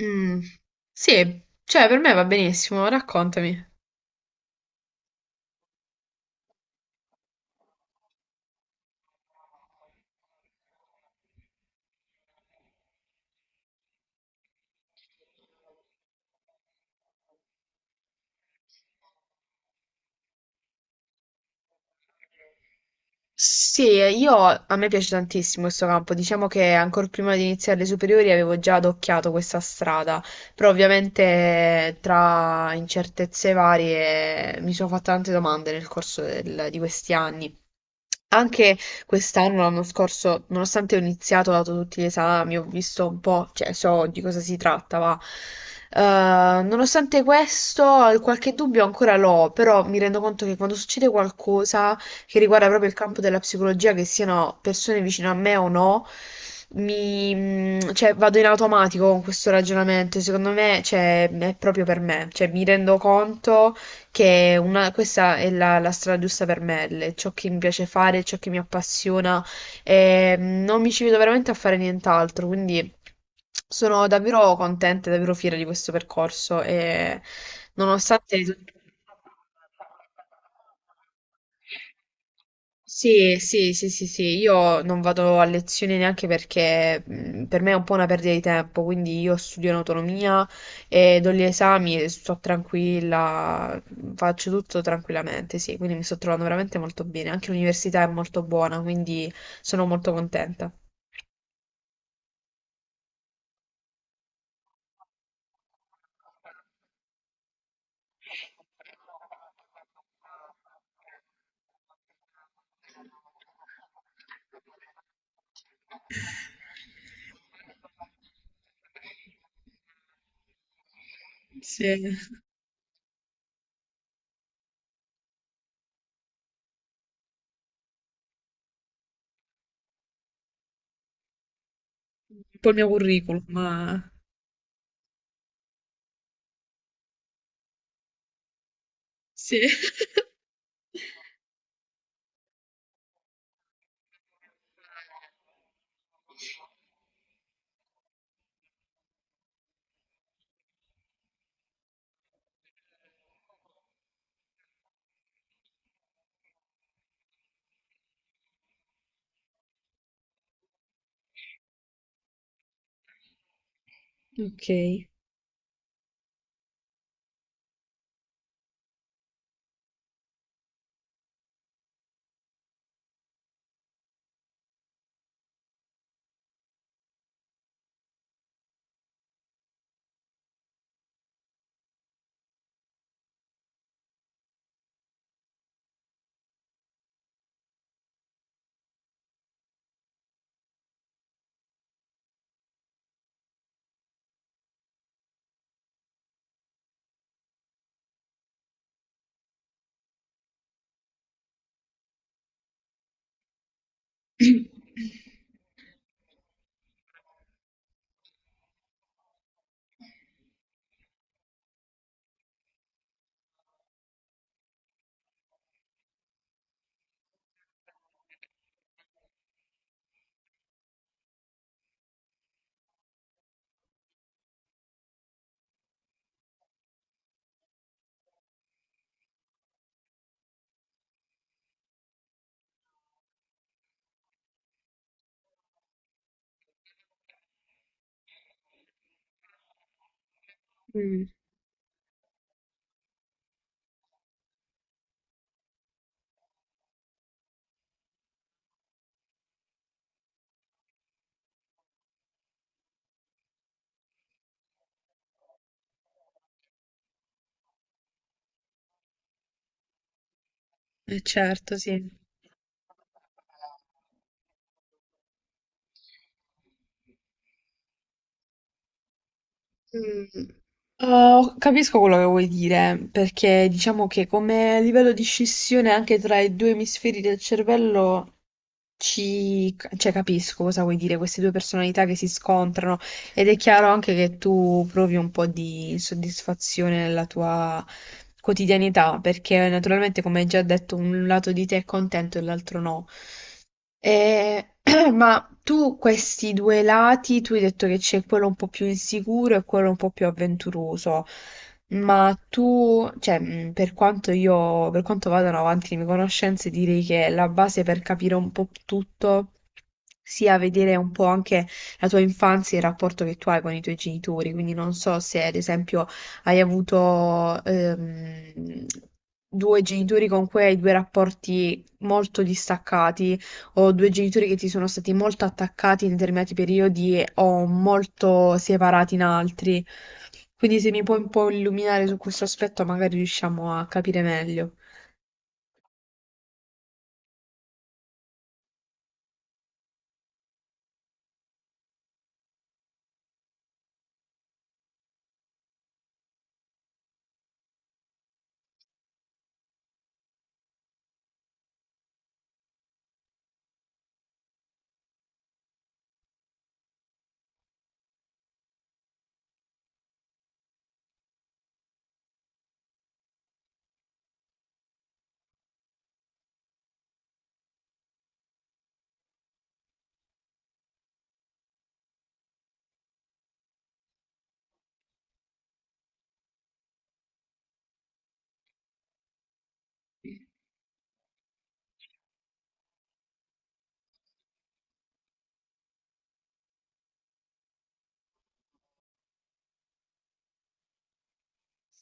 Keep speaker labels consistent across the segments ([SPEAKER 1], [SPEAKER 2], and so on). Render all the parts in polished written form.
[SPEAKER 1] Mh, sì, cioè per me va benissimo, raccontami. Sì, io a me piace tantissimo questo campo, diciamo che ancora prima di iniziare le superiori avevo già adocchiato questa strada, però ovviamente tra incertezze varie mi sono fatte tante domande nel corso di questi anni. Anche quest'anno, l'anno scorso, nonostante ho iniziato, ho dato tutti gli esami, ho visto un po', cioè so di cosa si tratta, ma nonostante questo, qualche dubbio ancora l'ho, però mi rendo conto che quando succede qualcosa che riguarda proprio il campo della psicologia, che siano persone vicino a me o no, cioè, vado in automatico con questo ragionamento, secondo me, cioè, è proprio per me, cioè, mi rendo conto che questa è la strada giusta per me, ciò che mi piace fare, ciò che mi appassiona, e non mi ci vedo veramente a fare nient'altro, quindi sono davvero contenta e davvero fiera di questo percorso e nonostante. Sì, sì, sì, sì, sì, io non vado a lezione neanche perché per me è un po' una perdita di tempo, quindi io studio in autonomia e do gli esami e sto tranquilla, mhmm, faccio tutto tranquillamente, sì, quindi mi sto trovando veramente molto bene, anche l'università è molto buona, quindi sono molto contenta. Sì, un po' il mio curriculum, ma sì. Okay. Mh. Eh certo, sì. Mh. Oh, capisco quello che vuoi dire, perché diciamo che come livello di scissione anche tra i 2 emisferi del cervello. Cioè, capisco cosa vuoi dire, queste due personalità che si scontrano, ed è chiaro anche che tu provi un po' di insoddisfazione nella tua quotidianità, perché naturalmente, come hai già detto, un lato di te è contento e l'altro no. Ma tu questi due lati, tu hai detto che c'è quello un po' più insicuro e quello un po' più avventuroso, ma tu, cioè, per quanto vadano avanti le mie conoscenze, direi che la base per capire un po' tutto sia vedere un po' anche la tua infanzia e il rapporto che tu hai con i tuoi genitori, quindi non so se ad esempio hai avuto due genitori con cui hai due rapporti molto distaccati, ho due genitori che ti sono stati molto attaccati in determinati periodi e o molto separati in altri. Quindi se mi puoi un po' illuminare su questo aspetto, magari riusciamo a capire meglio.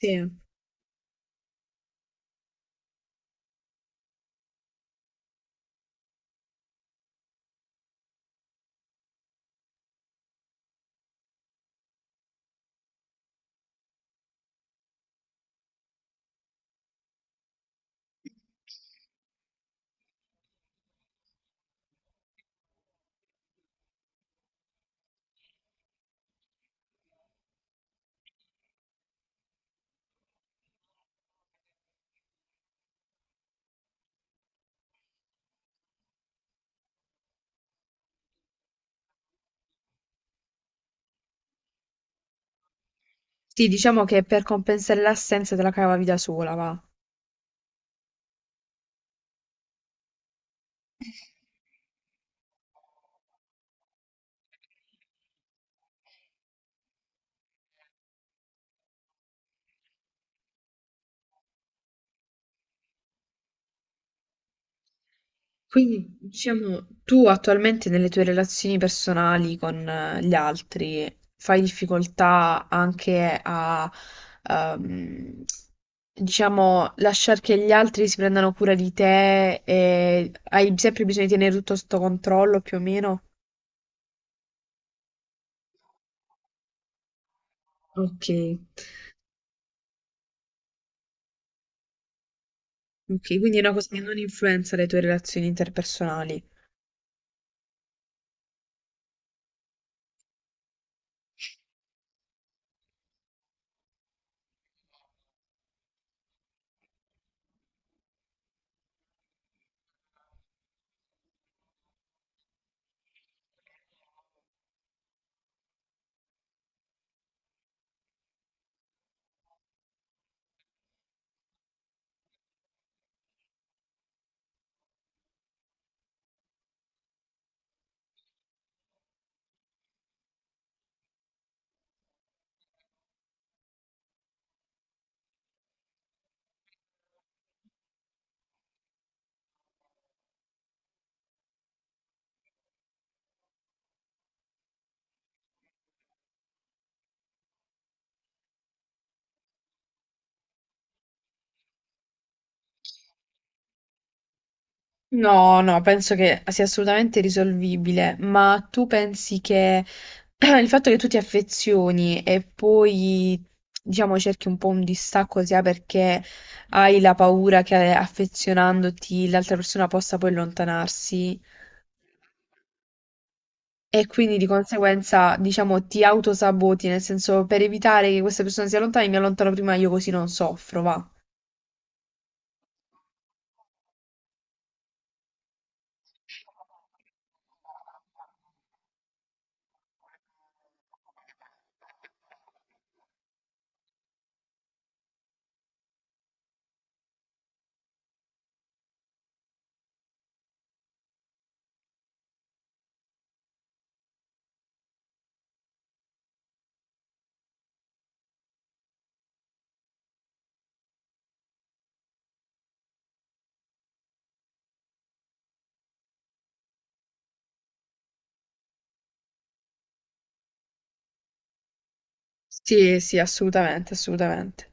[SPEAKER 1] Sì. Sì, diciamo che per compensare l'assenza te la cavavi da sola, va. Quindi, diciamo, tu attualmente nelle tue relazioni personali con gli altri fai difficoltà anche a, ehm, diciamo, lasciare che gli altri si prendano cura di te e hai sempre bisogno di tenere tutto sotto controllo più o meno? Ok, ok, quindi è una cosa che non influenza le tue relazioni interpersonali. No, no, penso che sia assolutamente risolvibile, ma tu pensi che il fatto che tu ti affezioni e poi, diciamo, cerchi un po' un distacco sia perché hai la paura che affezionandoti l'altra persona possa poi allontanarsi e quindi di conseguenza, diciamo, ti autosaboti, nel senso per evitare che questa persona si allontani, mi allontano prima io così non soffro, va. Sì, sì, assolutamente, assolutamente.